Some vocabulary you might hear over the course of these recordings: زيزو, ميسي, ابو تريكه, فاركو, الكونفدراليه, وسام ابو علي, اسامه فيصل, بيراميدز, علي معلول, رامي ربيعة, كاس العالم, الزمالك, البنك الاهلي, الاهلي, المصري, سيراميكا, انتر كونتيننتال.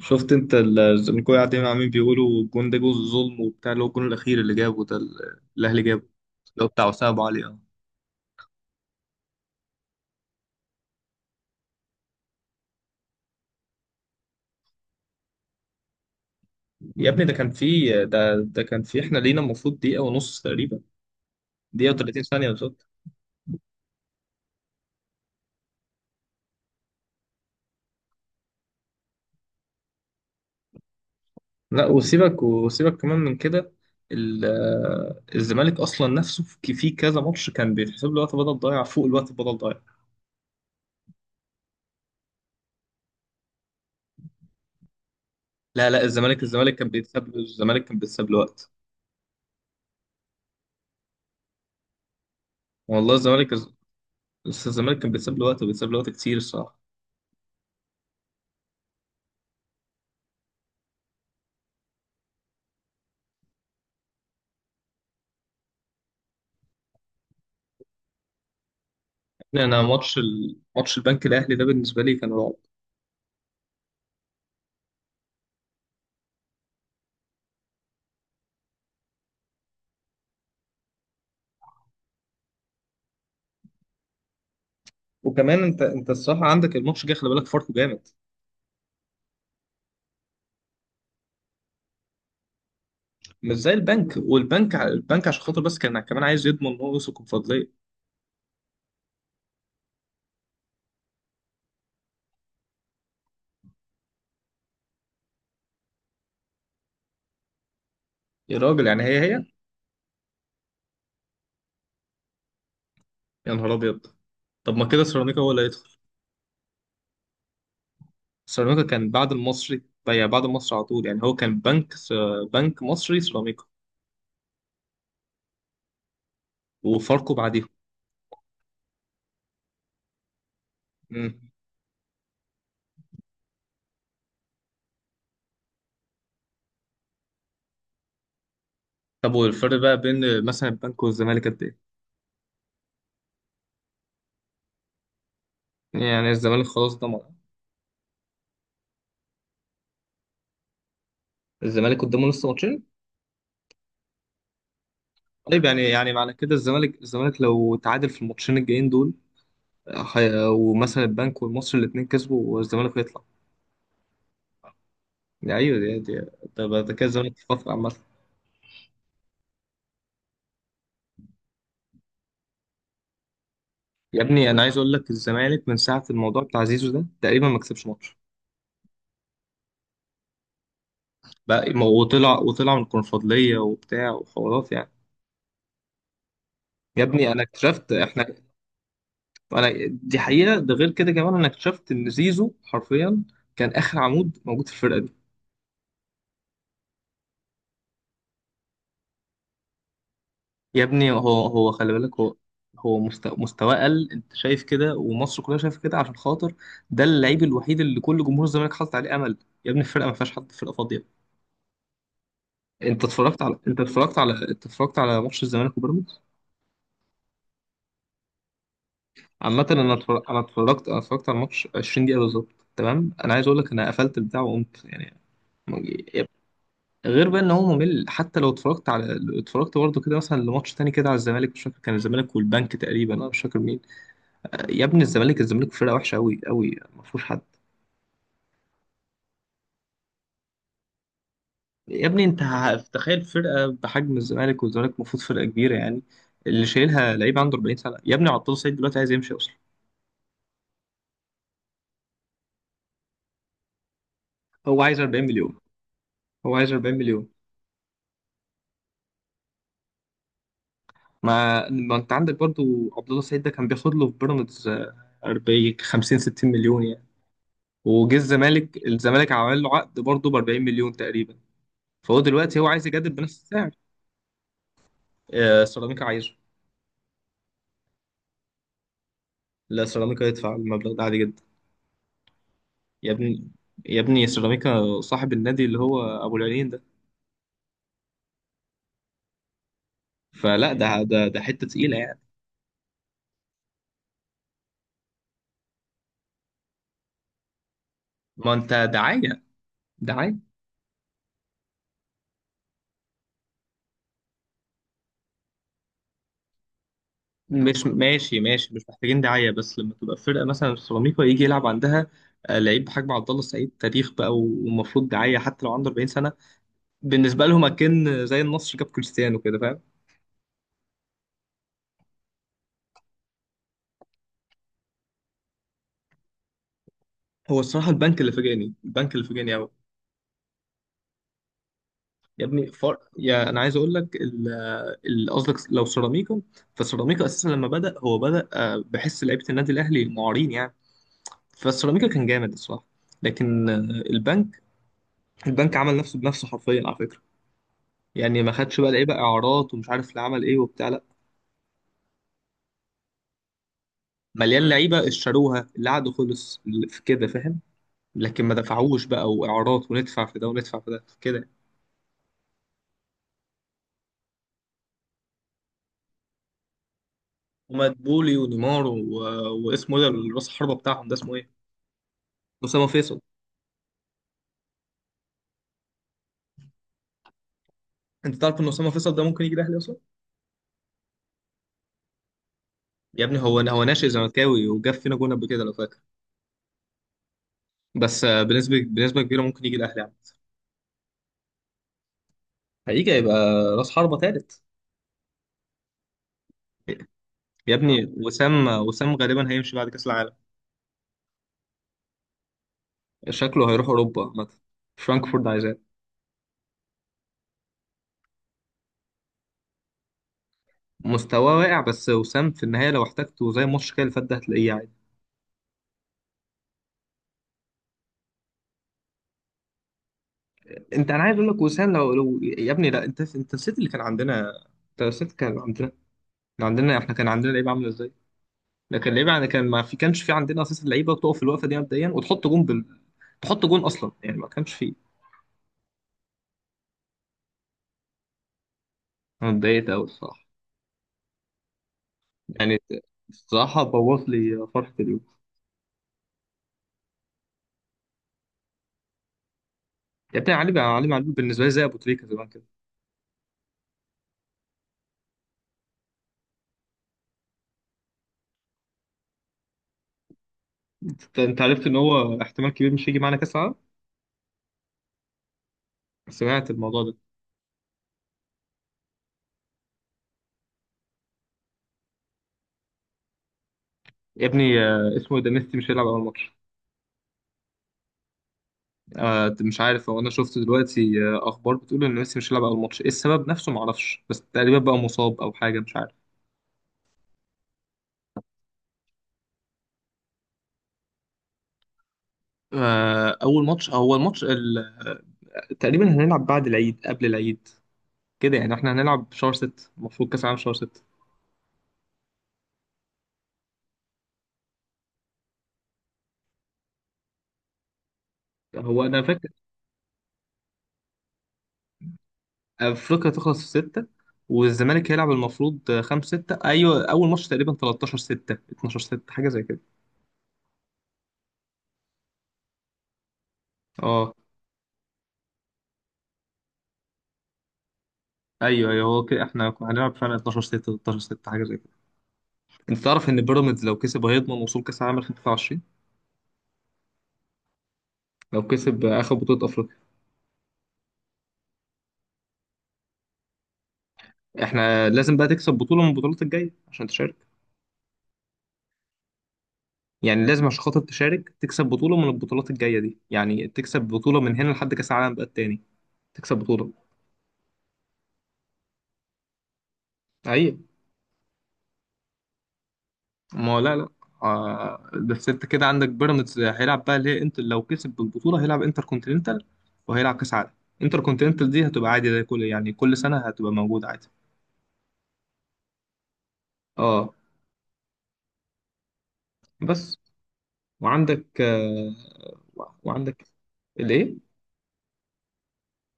شفت انت ان كل قاعدين عمالين بيقولوا الجون ده جزء ظلم وبتاع اللي هو الجون الاخير اللي جابه ده الاهلي جابه. اللي هو بتاع وسام ابو علي اه. يا ابني ده كان في ده كان في احنا لينا المفروض دقيقه ونص تقريبا. دقيقه و30 ثانيه بالظبط. لا، وسيبك كمان من كده. الزمالك اصلا نفسه في كذا ماتش كان بيتحسب له وقت بدل ضايع فوق الوقت بدل ضايع. لا، الزمالك كان بيتساب له، الزمالك كان بيتساب له وقت. والله الزمالك، الزمالك كان بيتساب له وقت وبيتساب له وقت كتير الصراحه. يعني انا ماتش البنك الاهلي ده بالنسبه لي كان رعب. وكمان انت الصراحه عندك الماتش جه، خلي بالك فاركو جامد. مش زي البنك، والبنك البنك عشان خاطر بس كان كمان عايز يضمن ان هو يوصل الكونفدراليه. يا راجل يعني هي هي. يا نهار ابيض. طب ما كده سيراميكا هو اللي هيدخل. سيراميكا كان بعد المصري، يعني بعد المصري على طول. يعني هو كان بنك مصري سيراميكا وفاركو بعديهم. مم. طب والفرق بقى بين مثلا البنك والزمالك قد ايه؟ يعني الزمالك خلاص ضمن. الزمالك قدامه لسه ماتشين. طيب يعني معنى كده الزمالك، الزمالك لو تعادل في الماتشين الجايين دول، ومثلا البنك والمصري الاثنين كسبوا، والزمالك يطلع. ايوه دي، ده كده الزمالك في فتره عامه. يا ابني انا عايز اقول لك الزمالك من ساعه الموضوع بتاع زيزو ده تقريبا ما كسبش ماتش. بقى وطلع، وطلع من الكونفدراليه وبتاع وحوارات يعني. يا ابني انا اكتشفت احنا. انا دي حقيقه، ده غير كده كمان، انا اكتشفت ان زيزو حرفيا كان اخر عمود موجود في الفرقه دي. يا ابني هو خلي بالك هو هو مستواه قل، انت شايف كده ومصر كلها شايفه كده، عشان خاطر ده اللعيب الوحيد اللي كل جمهور الزمالك حاطط عليه امل. يا ابني الفرقه ما فيهاش حد، فرقه فاضيه. انت اتفرجت على ماتش الزمالك وبيراميدز؟ عامه انا اتفرجت على الماتش 20 دقيقه بالظبط. تمام، انا عايز اقول لك انا قفلت البتاع وقمت يعني. غير بقى ان هو ممل، حتى لو اتفرجت برضه كده مثلا لماتش تاني كده على الزمالك، مش فاكر كان الزمالك والبنك تقريبا، انا مش فاكر مين. يا ابني الزمالك، الزمالك فرقه وحشه قوي قوي، ما فيهوش حد. يا ابني انت تخيل فرقه بحجم الزمالك، والزمالك المفروض فرقه كبيره يعني، اللي شايلها لعيب عنده 40 سنه. يا ابني عطله سعيد دلوقتي عايز يمشي اصلا. هو عايز 40 مليون، هو عايز 40 مليون. ما انت عندك برضو عبد الله سعيد ده، كان بياخد له في بيراميدز 40 50 60 مليون يعني. وجه الزمالك، الزمالك عمل له عقد برضه ب 40 مليون تقريبا، فهو دلوقتي هو عايز يجدد بنفس السعر. سيراميكا عايزه. لا سيراميكا يدفع المبلغ ده عادي جدا. يا ابني، يا ابني سيراميكا صاحب النادي اللي هو ابو العينين ده، فلا ده حته تقيله يعني. ما انت دعايه، دعايه. مش ماشي ماشي مش محتاجين دعايه، بس لما تبقى فرقه مثلا سيراميكا يجي يلعب عندها لعيب بحجم عبد الله السعيد، تاريخ بقى ومفروض دعايه حتى لو عنده 40 سنه. بالنسبه لهم اكن زي النصر جاب كريستيانو كده، فاهم. هو الصراحه البنك اللي فاجئني، البنك اللي فاجئني قوي. يا ابني يا انا عايز اقول لك قصدك لو سيراميكا، فسيراميكا اساسا لما بدأ هو بدأ بحس لعيبه النادي الاهلي المعارين يعني، فالسيراميكا كان جامد الصراحه. لكن البنك، البنك عمل نفسه بنفسه حرفيا على فكره. يعني ما خدش بقى لعيبه اعارات ومش عارف اللي عمل ايه وبتاع، لا. مليان لعيبه اشتروها اللي قعدوا خلص اللي في كده فاهم، لكن ما دفعوش بقى واعارات وندفع في ده وندفع في ده كده. ومدبولي ونيمار و... واسمه ايه ده راس الحربه بتاعهم ده، اسمه ايه؟ اسامه فيصل. انت تعرف ان اسامه فيصل ده ممكن يجي الاهلي اصلا؟ يا ابني هو ناشئ زملكاوي وجاب فينا جون قبل كده لو فاكر. بس بنسبه، بنسبه كبيره ممكن يجي الاهلي يعني. هيجي هيبقى راس حربة ثالث. يا ابني وسام، وسام غالبا هيمشي بعد كاس العالم. شكله هيروح اوروبا مثلا، فرانكفورت عايزاه. مستواه واقع، بس وسام في النهايه لو احتاجته زي الماتش كده اللي فات ده هتلاقيه عادي. انت، انا عايز اقول لك وسام لو, لو يا ابني، لا انت نسيت اللي كان عندنا. انت نسيت كان عندنا، كان عندنا احنا كان عندنا لعيب عامل ازاي. لكن اللعيبه يعني ما كانش في عندنا اساسا لعيبه تقف في الوقفه دي مبدئيا تحط جون اصلا يعني ما كانش فيه. انا اتضايقت قوي الصراحه. يعني الصراحه بوظ لي فرحه اليوم. يعني بتاع علي، علي معلول بالنسبه لي زي ابو تريكه زمان كده. انت عرفت ان هو احتمال كبير مش هيجي معانا كاس العالم؟ سمعت الموضوع ده؟ يا ابني اسمه إيه ده ميسي مش هيلعب اول ماتش. مش عارف هو، انا شفت دلوقتي اخبار بتقول ان ميسي مش هيلعب اول ماتش، ايه السبب نفسه ما اعرفش، بس تقريبا بقى مصاب او حاجه مش عارف. اول ماتش، اول ماتش تقريبا هنلعب بعد العيد، قبل العيد كده يعني. احنا هنلعب شهر ستة، المفروض كأس العالم شهر ستة. هو انا فاكر افريقيا تخلص في ستة، والزمالك هيلعب المفروض خمسة ستة، ايوه اول ماتش تقريبا 13 ستة 12 ستة حاجة زي كده. اه ايوه ايوه، هو كده احنا هنلعب فعلا 12 6 13 6 حاجه زي كده. انت تعرف ان بيراميدز لو كسب هيضمن وصول كاس العالم 2023؟ لو كسب اخر بطوله افريقيا. احنا لازم بقى تكسب بطوله من البطولات الجايه عشان تشارك. يعني لازم عشان خاطر تشارك تكسب بطولة من البطولات الجاية دي، يعني تكسب بطولة من هنا لحد كأس العالم بقى التاني، تكسب بطولة. أيوة. ما هو لا لا، آه بس أنت كده عندك بيراميدز هيلعب بقى، ليه؟ أنت لو كسب البطولة هيلعب انتر كونتيننتال وهيلعب كأس عالم. انتر كونتيننتال دي هتبقى عادي زي كل يعني كل سنة هتبقى موجودة عادي. اه بس. وعندك آه، وعندك الايه.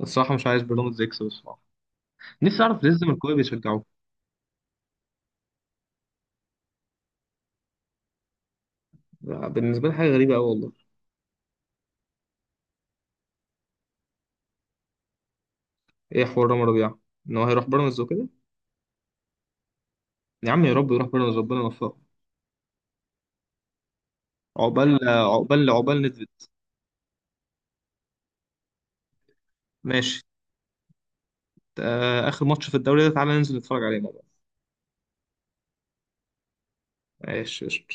الصراحة مش عايز بيراميدز يكسب الصراحة. نفسي أعرف ليه الزملكاويه بيشجعوه. بالنسبة لي حاجة غريبة أوي والله. ايه حوار رامي ربيعة؟ ان هو هيروح بيراميدز وكده. يا عم يا رب يروح بيراميدز، ربنا يوفقه. عقبال ندفد. ماشي. اخر ماتش في الدوري ده تعالى ننزل نتفرج عليه مع بعض. ماشي قشطة.